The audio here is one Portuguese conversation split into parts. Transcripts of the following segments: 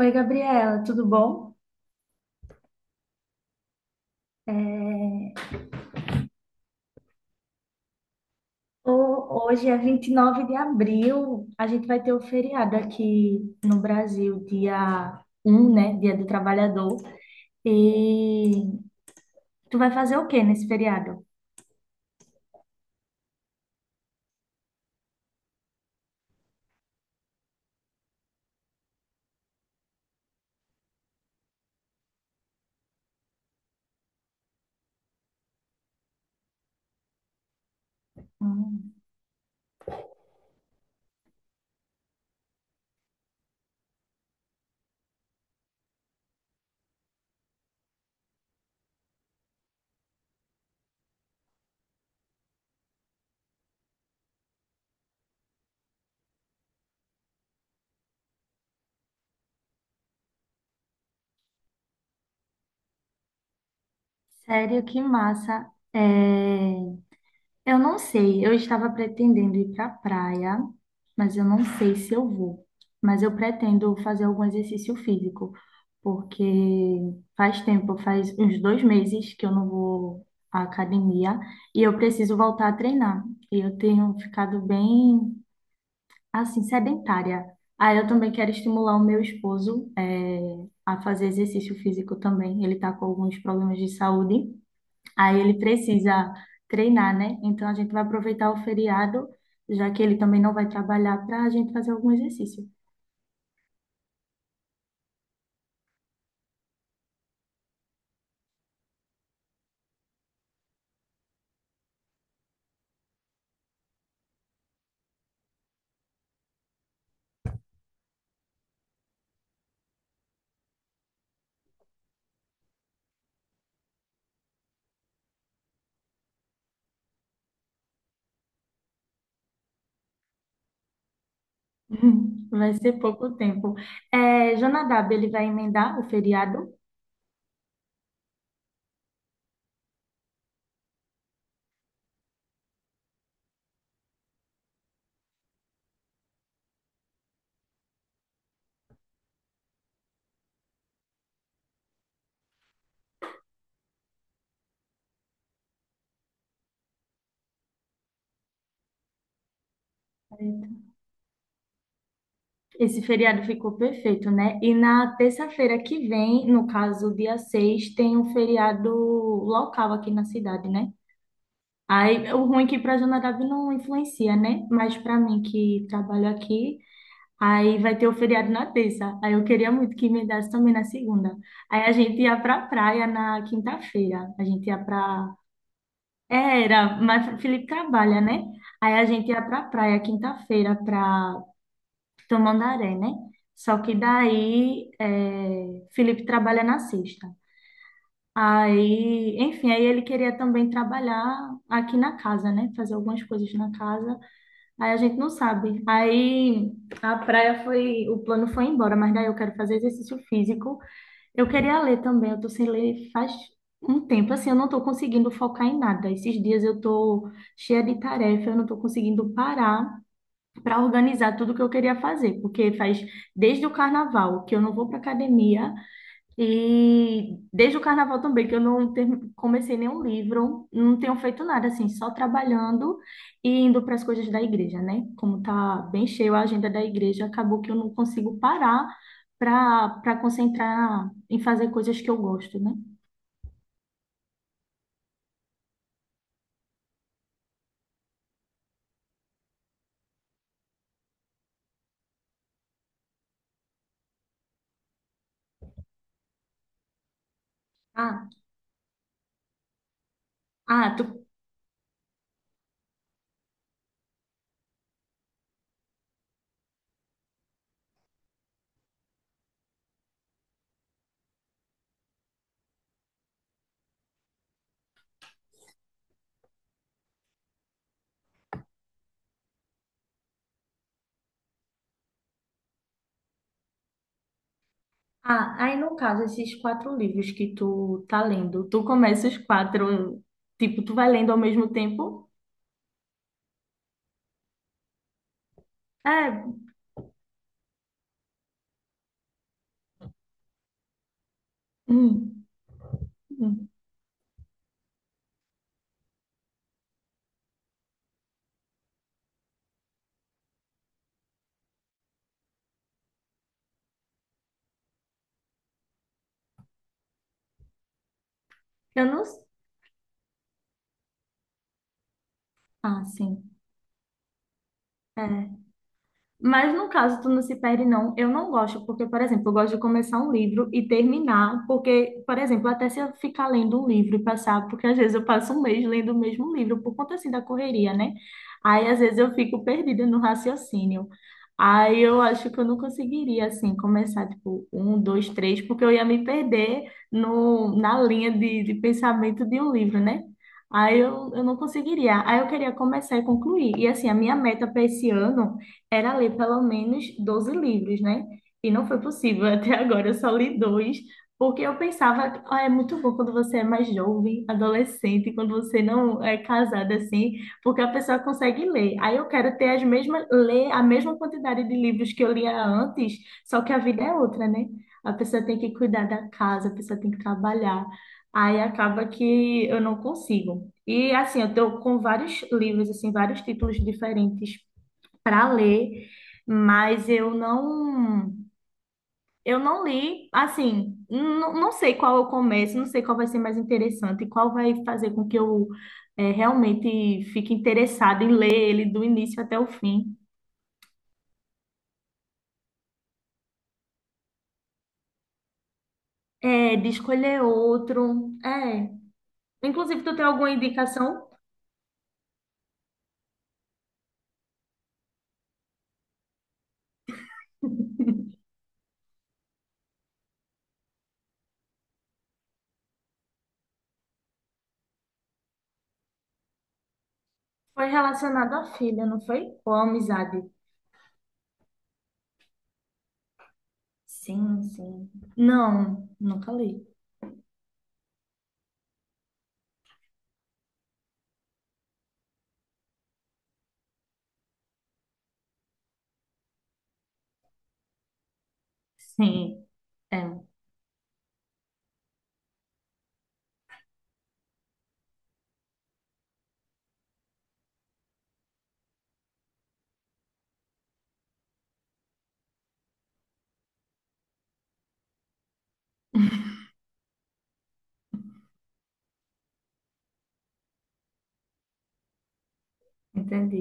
Oi, Gabriela, tudo bom? É, Hoje é 29 de abril, a gente vai ter o feriado aqui no Brasil, dia 1, né? Dia do Trabalhador. E tu vai fazer o quê nesse feriado? Hum, sério, que massa. É, Eu não sei, eu estava pretendendo ir para a praia, mas eu não sei se eu vou. Mas eu pretendo fazer algum exercício físico, porque faz tempo, faz uns 2 meses que eu não vou à academia e eu preciso voltar a treinar. E eu tenho ficado bem, assim, sedentária. Aí eu também quero estimular o meu esposo, a fazer exercício físico também. Ele está com alguns problemas de saúde. Aí ele precisa treinar, né? Então a gente vai aproveitar o feriado, já que ele também não vai trabalhar, para a gente fazer algum exercício. Vai ser pouco tempo. É, Jonadab, ele vai emendar o feriado. Esse feriado ficou perfeito, né? E na terça-feira que vem, no caso, dia 6, tem um feriado local aqui na cidade, né? Aí, o ruim é que para Jonadab não influencia, né? Mas para mim que trabalho aqui, aí vai ter o feriado na terça. Aí eu queria muito que me emendasse também na segunda. Aí a gente ia pra praia na quinta-feira. A gente ia pra. É, era, mas Felipe trabalha, né? Aí a gente ia pra praia quinta-feira pra Tamandaré, né? Só que daí é, Felipe trabalha na sexta. Aí, enfim, aí ele queria também trabalhar aqui na casa, né? Fazer algumas coisas na casa. Aí a gente não sabe. Aí a praia foi, o plano foi embora, mas daí eu quero fazer exercício físico. Eu queria ler também, eu tô sem ler faz um tempo, assim, eu não tô conseguindo focar em nada. Esses dias eu tô cheia de tarefa, eu não tô conseguindo parar para organizar tudo que eu queria fazer, porque faz desde o carnaval que eu não vou para academia. E desde o carnaval também, que eu não ter- comecei nenhum livro, não tenho feito nada, assim, só trabalhando e indo para as coisas da igreja, né? Como tá bem cheio a agenda da igreja, acabou que eu não consigo parar para concentrar em fazer coisas que eu gosto, né? Ah, ah, tu, ah, aí no caso, esses quatro livros que tu tá lendo, tu começa os quatro, tipo, tu vai lendo ao mesmo tempo? É, hum, hum. Eu não. Ah, sim. Mas no caso, tu não se perde, não. Eu não gosto, porque, por exemplo, eu gosto de começar um livro e terminar, porque, por exemplo, até se eu ficar lendo um livro e passar, porque às vezes eu passo um mês lendo o mesmo livro, por conta assim da correria, né? Aí às vezes eu fico perdida no raciocínio. Aí eu acho que eu não conseguiria, assim, começar, tipo, um, dois, três, porque eu ia me perder no, na linha de pensamento de um livro, né? Aí eu não conseguiria. Aí eu queria começar e concluir. E assim, a minha meta para esse ano era ler pelo menos 12 livros, né? E não foi possível até agora, eu só li dois, porque eu pensava que ah, é muito bom quando você é mais jovem, adolescente, quando você não é casada assim, porque a pessoa consegue ler. Aí eu quero ter as mesmas, ler a mesma quantidade de livros que eu lia antes, só que a vida é outra, né? A pessoa tem que cuidar da casa, a pessoa tem que trabalhar. Aí acaba que eu não consigo. E assim, eu tô com vários livros, assim, vários títulos diferentes para ler, mas eu não li, assim, não, não sei qual eu começo, não sei qual vai ser mais interessante, qual vai fazer com que eu realmente fique interessada em ler ele do início até o fim. É, de escolher outro. É. Inclusive, tu tem alguma indicação? Foi relacionado à filha, não foi? Ou à amizade? Sim, sim. Não, nunca li. Sim, é, entendi.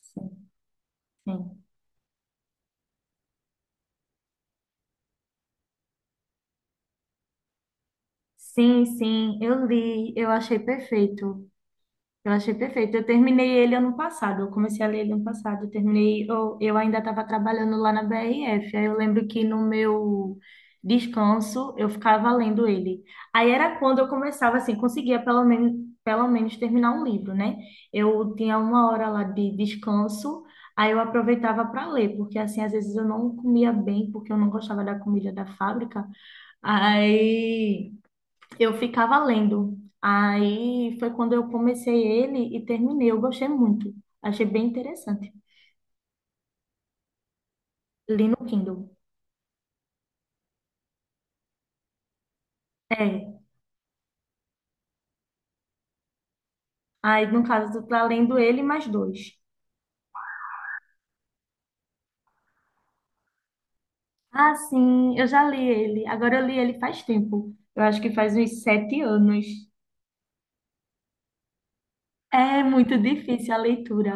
Sim, sim. Sim, sim, eu li, eu achei perfeito. Eu achei perfeito. Eu terminei ele ano passado, eu comecei a ler ele ano passado, eu terminei, eu ainda estava trabalhando lá na BRF. Aí eu lembro que no meu descanso eu ficava lendo ele. Aí era quando eu começava assim, conseguia pelo menos terminar um livro, né? Eu tinha uma hora lá de descanso, aí eu aproveitava para ler, porque assim, às vezes eu não comia bem, porque eu não gostava da comida da fábrica. Aí eu ficava lendo. Aí foi quando eu comecei ele e terminei. Eu gostei muito. Achei bem interessante. Li no Kindle. É. Aí, no caso, tu tá lendo ele mais dois. Ah, sim, eu já li ele. Agora eu li ele faz tempo. Eu acho que faz uns 7 anos. É muito difícil a leitura.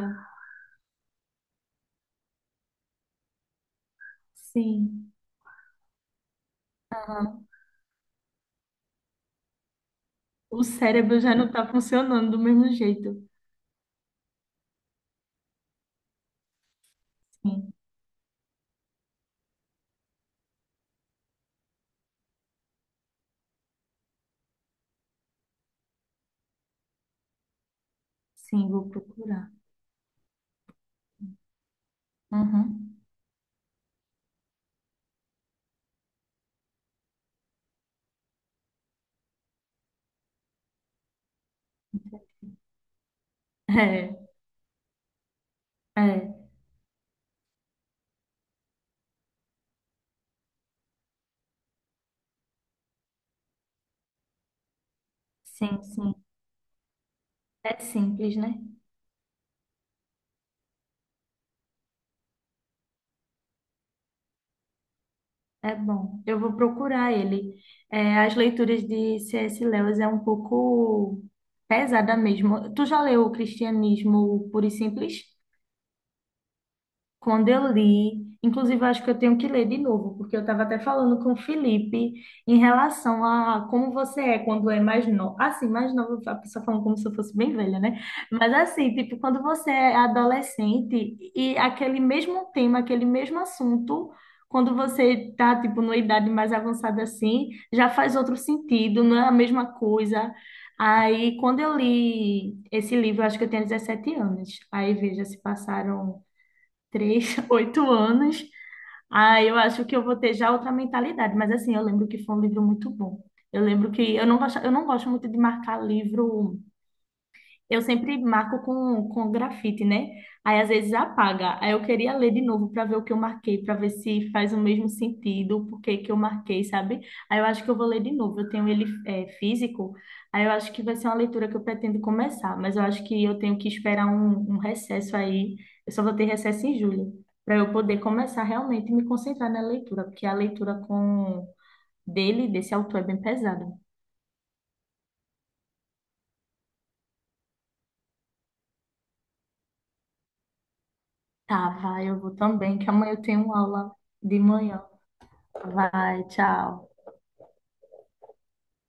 Sim. O cérebro já não tá funcionando do mesmo jeito. Sim, sim, vou procurar. Uhum. É, é. Sim, sim. É simples, né? É bom, eu vou procurar ele. É, as leituras de C.S. Lewis é um pouco pesada mesmo. Tu já leu o Cristianismo Puro e Simples? Quando eu li, inclusive eu acho que eu tenho que ler de novo, porque eu estava até falando com o Felipe em relação a como você é quando é mais novo. Assim, mais novo, a pessoa falando como se eu fosse bem velha, né? Mas assim, tipo, quando você é adolescente e aquele mesmo tema, aquele mesmo assunto, quando você tá, tipo, numa idade mais avançada assim, já faz outro sentido, não é a mesma coisa. Aí, quando eu li esse livro, eu acho que eu tinha 17 anos. Aí, veja, se passaram três, 8 anos. Ah, eu acho que eu vou ter já outra mentalidade, mas assim, eu lembro que foi um livro muito bom. Eu lembro que eu não gosto muito de marcar livro. Eu sempre marco com grafite, né? Aí às vezes apaga. Aí eu queria ler de novo para ver o que eu marquei, para ver se faz o mesmo sentido, por que que eu marquei, sabe? Aí eu acho que eu vou ler de novo. Eu tenho ele físico, aí eu acho que vai ser uma leitura que eu pretendo começar, mas eu acho que eu tenho que esperar um recesso aí. Eu só vou ter recesso em julho, para eu poder começar realmente e me concentrar na leitura, porque a leitura com dele, desse autor, é bem pesada. Tá, vai, eu vou também, que amanhã eu tenho aula de manhã. Vai, tchau.